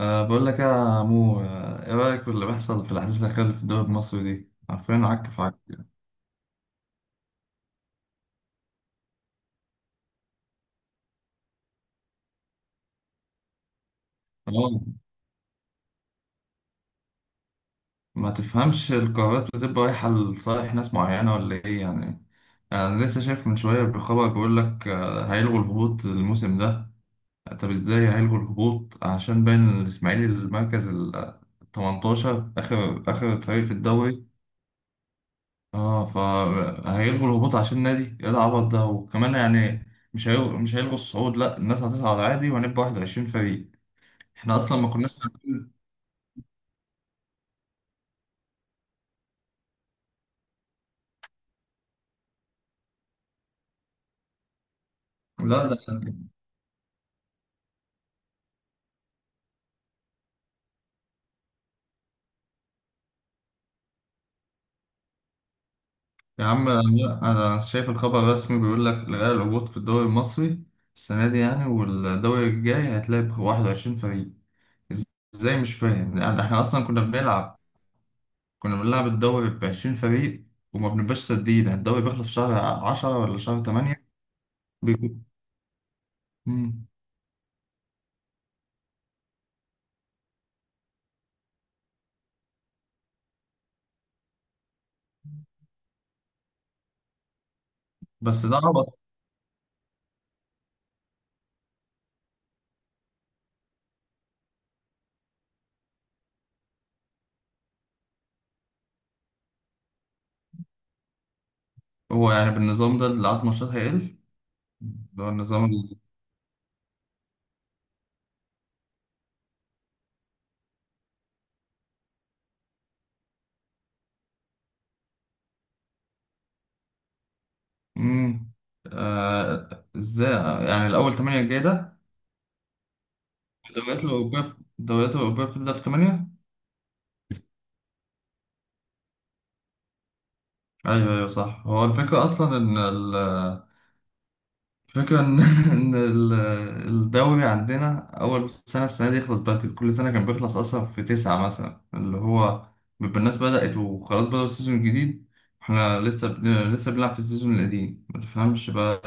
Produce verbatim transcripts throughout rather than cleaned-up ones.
أه بقول لك يا مو آه، ايه رأيك في اللي بيحصل في الأحداث الأخيرة اللي في الدوري المصري دي؟ عارفين عك في عك يعني. اه، ما تفهمش القرارات بتبقى رايحة لصالح ناس معينة ولا ايه يعني يعني أنا لسه شايف من شوية بخبر بيقول لك آه، هيلغوا الهبوط الموسم ده. طب ازاي هيلغوا الهبوط عشان باين الإسماعيلي المركز ال تمنتاشر، آخر آخر فريق في الدوري. اه، فهيلغوا الهبوط عشان النادي، ايه العبط ده وكمان يعني مش هيلغوا مش هيلغوا الصعود، لا الناس هتصعد عادي وهنبقى واحد وعشرين فريق، احنا اصلا ما كناش عارفين. لا ده، يا عم لا، انا شايف الخبر الرسمي بيقول لك الغاء الهبوط في الدوري المصري السنه دي، يعني والدوري الجاي هتلاعب واحد وعشرين فريق. ازاي مش فاهم، يعني احنا اصلا كنا بنلعب كنا بنلعب الدوري ب عشرين فريق وما بنبقاش سادين، الدوري بيخلص في شهر عشرة ولا شهر تمانية بيكون. مم. بس ده عبط. هو يعني بالنظام ده اللي عدد ماتشات هيقل، اللي هو النظام ال- مم. آه ازاي، يعني الأول تمانية الجاي ده. الدوريات الأوروبية الدوريات الأوروبية بتبدأ في تمانية. أيوه أيوه صح، هو الفكرة أصلا إن فكرة إن إن ال- الدوري عندنا أول سنة، السنة دي يخلص بدري، كل سنة كان بيخلص أصلا في تسعة مثلا، اللي هو بيبقى الناس بدأت وخلاص بدأوا السيزون الجديد، إحنا لسه بن- لسه بنلعب في السيزون القديم. متفهمش بقى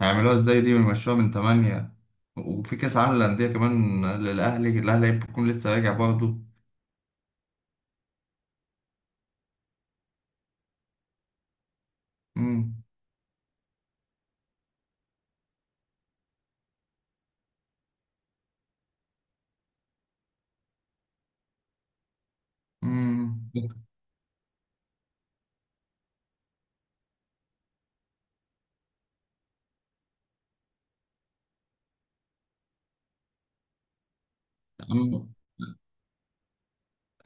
هيعملوها إزاي دي ويمشوها من تمانية، وفي كأس عالم للأندية كمان للأهلي، الأهلي هيكون لسه راجع برضه. أمم. أمم.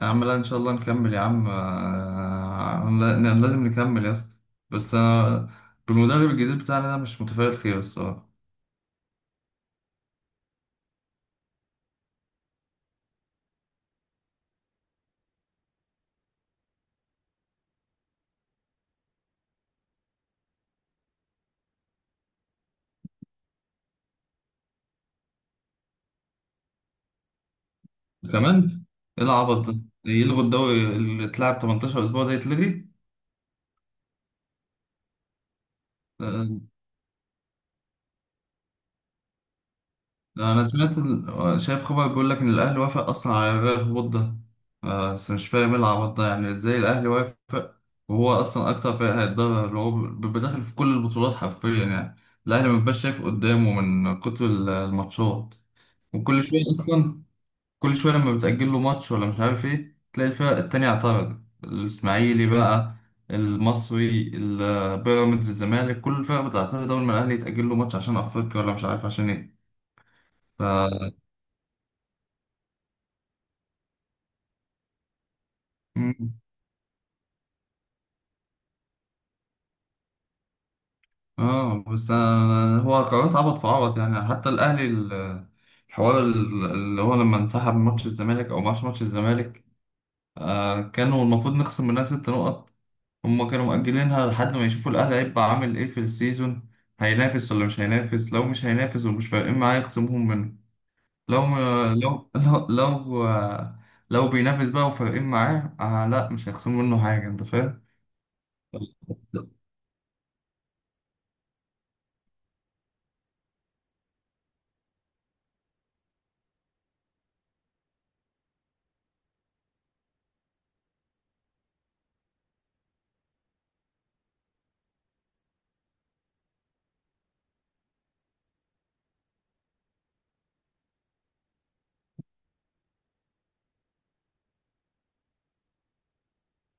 يا عم لا، ان شاء الله نكمل يا عم، آه، لا- لازم نكمل يا اسطى. بس انا بالمدرب الجديد بتاعنا ده مش متفائل خير الصراحه. كمان ايه العبط ده، إيه يلغوا الدوري اللي اتلعب تمنتاشر اسبوع ده يتلغي؟ آه، انا سمعت ال- شايف خبر بيقول لك ان الاهلي وافق اصلا على إلغاء الهبوط ده. آه، بس مش فاهم ايه العبط ده، يعني ازاي الاهلي وافق وهو اصلا اكتر فريق هيتضرر، اللي هو بيبقى داخل في كل البطولات حرفيا يعني، الاهلي ما بيبقاش شايف قدامه من كتر ال- الماتشات. وكل شوية أصلا، كل شوية لما بتأجل له ماتش ولا مش عارف إيه، تلاقي الفرق التانية اعترضت، الإسماعيلي بقى، المصري، ال- بيراميدز، الزمالك، كل الفرق بتعترض أول ما الأهلي يتأجل له ماتش عشان أفريقيا ولا مش عارف عشان إيه. ف مم. آه، بس أنا- هو قرارات عبط في عبط يعني. حتى الأهلي ال- الحوار ال- اللي هو لما انسحب من ماتش الزمالك، أو ماتش ماتش الزمالك، آه كانوا المفروض نخصم منها ست نقط، هم كانوا مؤجلينها لحد ما يشوفوا الأهلي هيبقى عامل إيه في السيزون، هينافس ولا مش هينافس، لو مش هينافس ومش فارقين معاه يخصموهم منه، لو ما- لو لو لو, لو بينافس بقى وفارقين معاه، آه لا مش هيخصموا منه حاجة، أنت فاهم.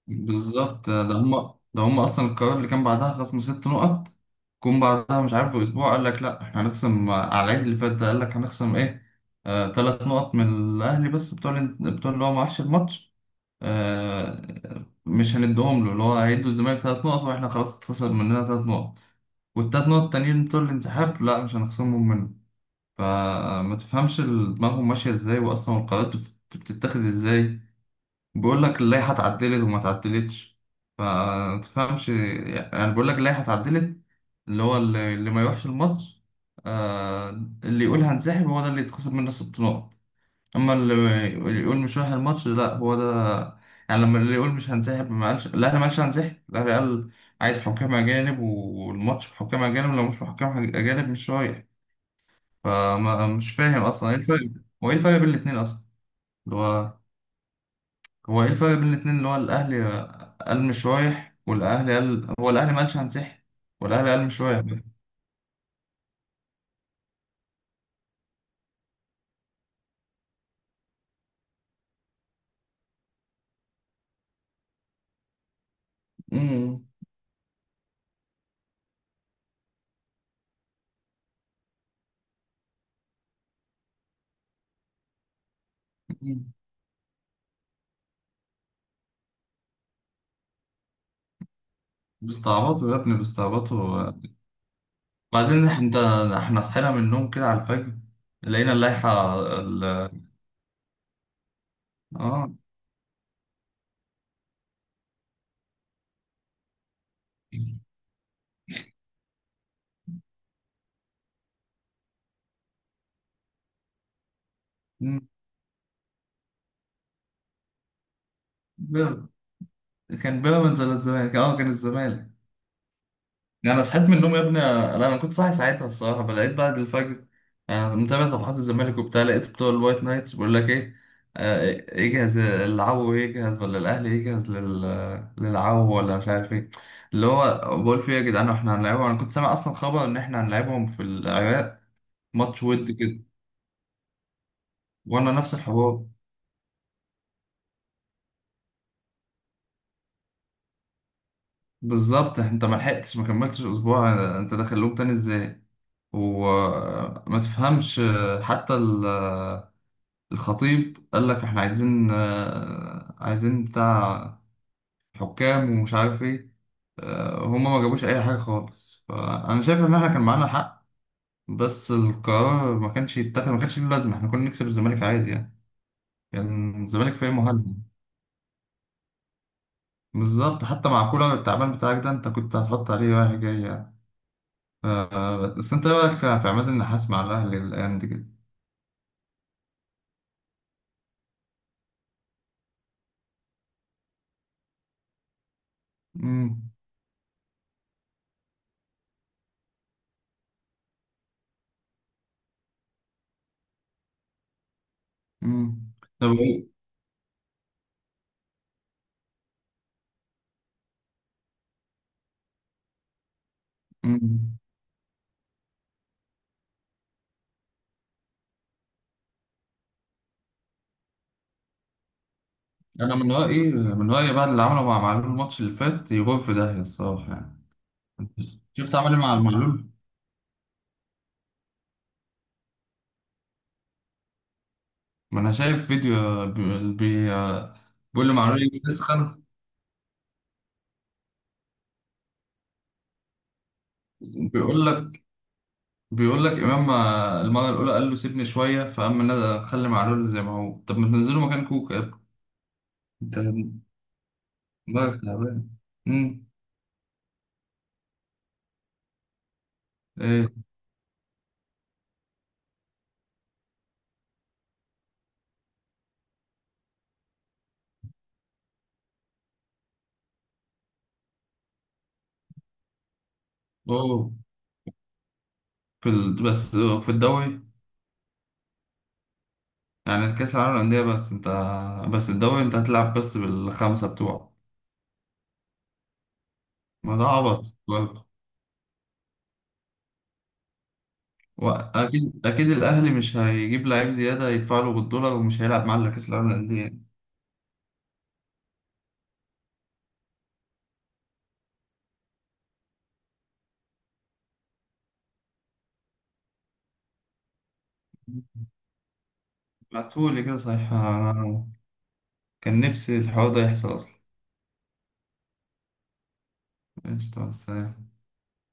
بالظبط، ده هم ده هم أصلا القرار، اللي كان بعدها خصم ست نقط جم بعدها مش عارف أسبوع، قال لك لا إحنا هنخصم على العيد اللي فات ده، قال لك هنخصم إيه؟ آه، تلات نقط من الأهلي بس، بتوع بتوع اللي هو ما راحش الماتش، آه، مش هندهم له، اللي هو هيدوا الزمالك تلات نقط واحنا خلاص اتخسر مننا تلات نقط، والتلات نقط التانيين بتوع الانسحاب لا مش هنخصمهم منه. فما تفهمش ال- دماغهم ماشية ازاي، واصلا القرارات بت- بتتاخد ازاي، بيقول لك اللائحة اتعدلت وما اتعدلتش. فما تفهمش، يعني بيقول لك اللائحة اتعدلت، اللي هو اللي اللي ما يروحش الماتش، آه، اللي يقول هنسحب هو ده اللي يتخصم منه ست نقط، اما اللي اللي يقول مش رايح الماتش لا هو ده. يعني لما اللي يقول مش هنسحب، ما قالش الاهلي ما قالش هنسحب، الاهلي قال عايز حكام اجانب، والماتش بحكام اجانب، لو مش بحكام اجانب مش رايح. فما مش فاهم اصلا ايه الفرق، هو ايه الفرق بين الاتنين اصلا، اللي هو، هو ايه الفرق بين الاتنين، اللي هو الاهلي قال مش رايح، والاهلي قال، هو الاهلي ما قالش هنسحب، والاهلي قال مش رايح. أمم. بيستعبطوا يا ابني بيستعبطوا. بعدين إح- انت، احنا صحينا من النوم كده على الفجر لقينا اللائحة ال... اه. مم. بيراميدز. كان بيراميدز ولا الزمالك، اه كان الزمالك. يعني انا صحيت من النوم يا ابني، لا انا كنت صاحي ساعتها الصراحة، فلقيت بعد الفجر، انا متابع صفحات الزمالك وبتاع، لقيت بتوع الوايت نايتس بيقول لك ايه، آه، يجهز العو يجهز، ولا الاهلي يجهز لل... للعو، ولا مش عارف ايه، اللي هو بقول فيه يا جدعان احنا هنلعبهم، انا كنت سامع اصلا خبر ان احنا هنلعبهم في العراق ماتش ود كده، وانا نفس الحوار. بالظبط، انت ما لحقتش، ما كملتش اسبوع، انت دخلوك تاني ازاي؟ وما تفهمش، حتى ال- الخطيب قال لك احنا عايزين عايزين بتاع حكام ومش عارف ايه، هما ما جابوش اي حاجه خالص، فانا شايف ان احنا كان معانا حق، بس القرار ما كانش يتاخد ما كانش له لازمه، احنا كنا نكسب الزمالك عادي يعني، كان الزمالك فريق مهاجم، بالظبط حتى مع كولر التعبان بتاعك ده انت كنت هتحط عليه رايح جاي يعني. آه، بس انت إيه رايك في عماد النحاس مع الاهلي الايام دي كده؟ امم. امم. طب ايه؟ امم. انا من رايي، من رايي بقى اللي عمله مع معلول الماتش اللي فات يروح في داهيه الصراحه يعني. انت شفت عمل ايه مع معلول؟ ما انا شايف فيديو بي... بي... بيقول لمعلول بتسخن، بيقول لك بيقول لك امام، المره الاولى قال له سيبني شويه، فاما نزل خلي معلول زي ما هو، طب ما تنزله مكان كوكا يا ابني. انت دماغك تعبان. امم. ايه؟ اوه. في ال... بس في الدوري، يعني الكأس العالم للأندية بس أنت، بس الدوري أنت هتلعب بس بالخمسة بتوعه. ما ده عبط برضه. وأكيد أكيد الأهلي مش هيجيب لعيب زيادة يدفع له بالدولار ومش هيلعب معاه إلا كأس العالم للأندية. بعتهولي كده صحيح أنا، كان نفسي الحوار ده يحصل أصلا. قشطة، مع السلامة.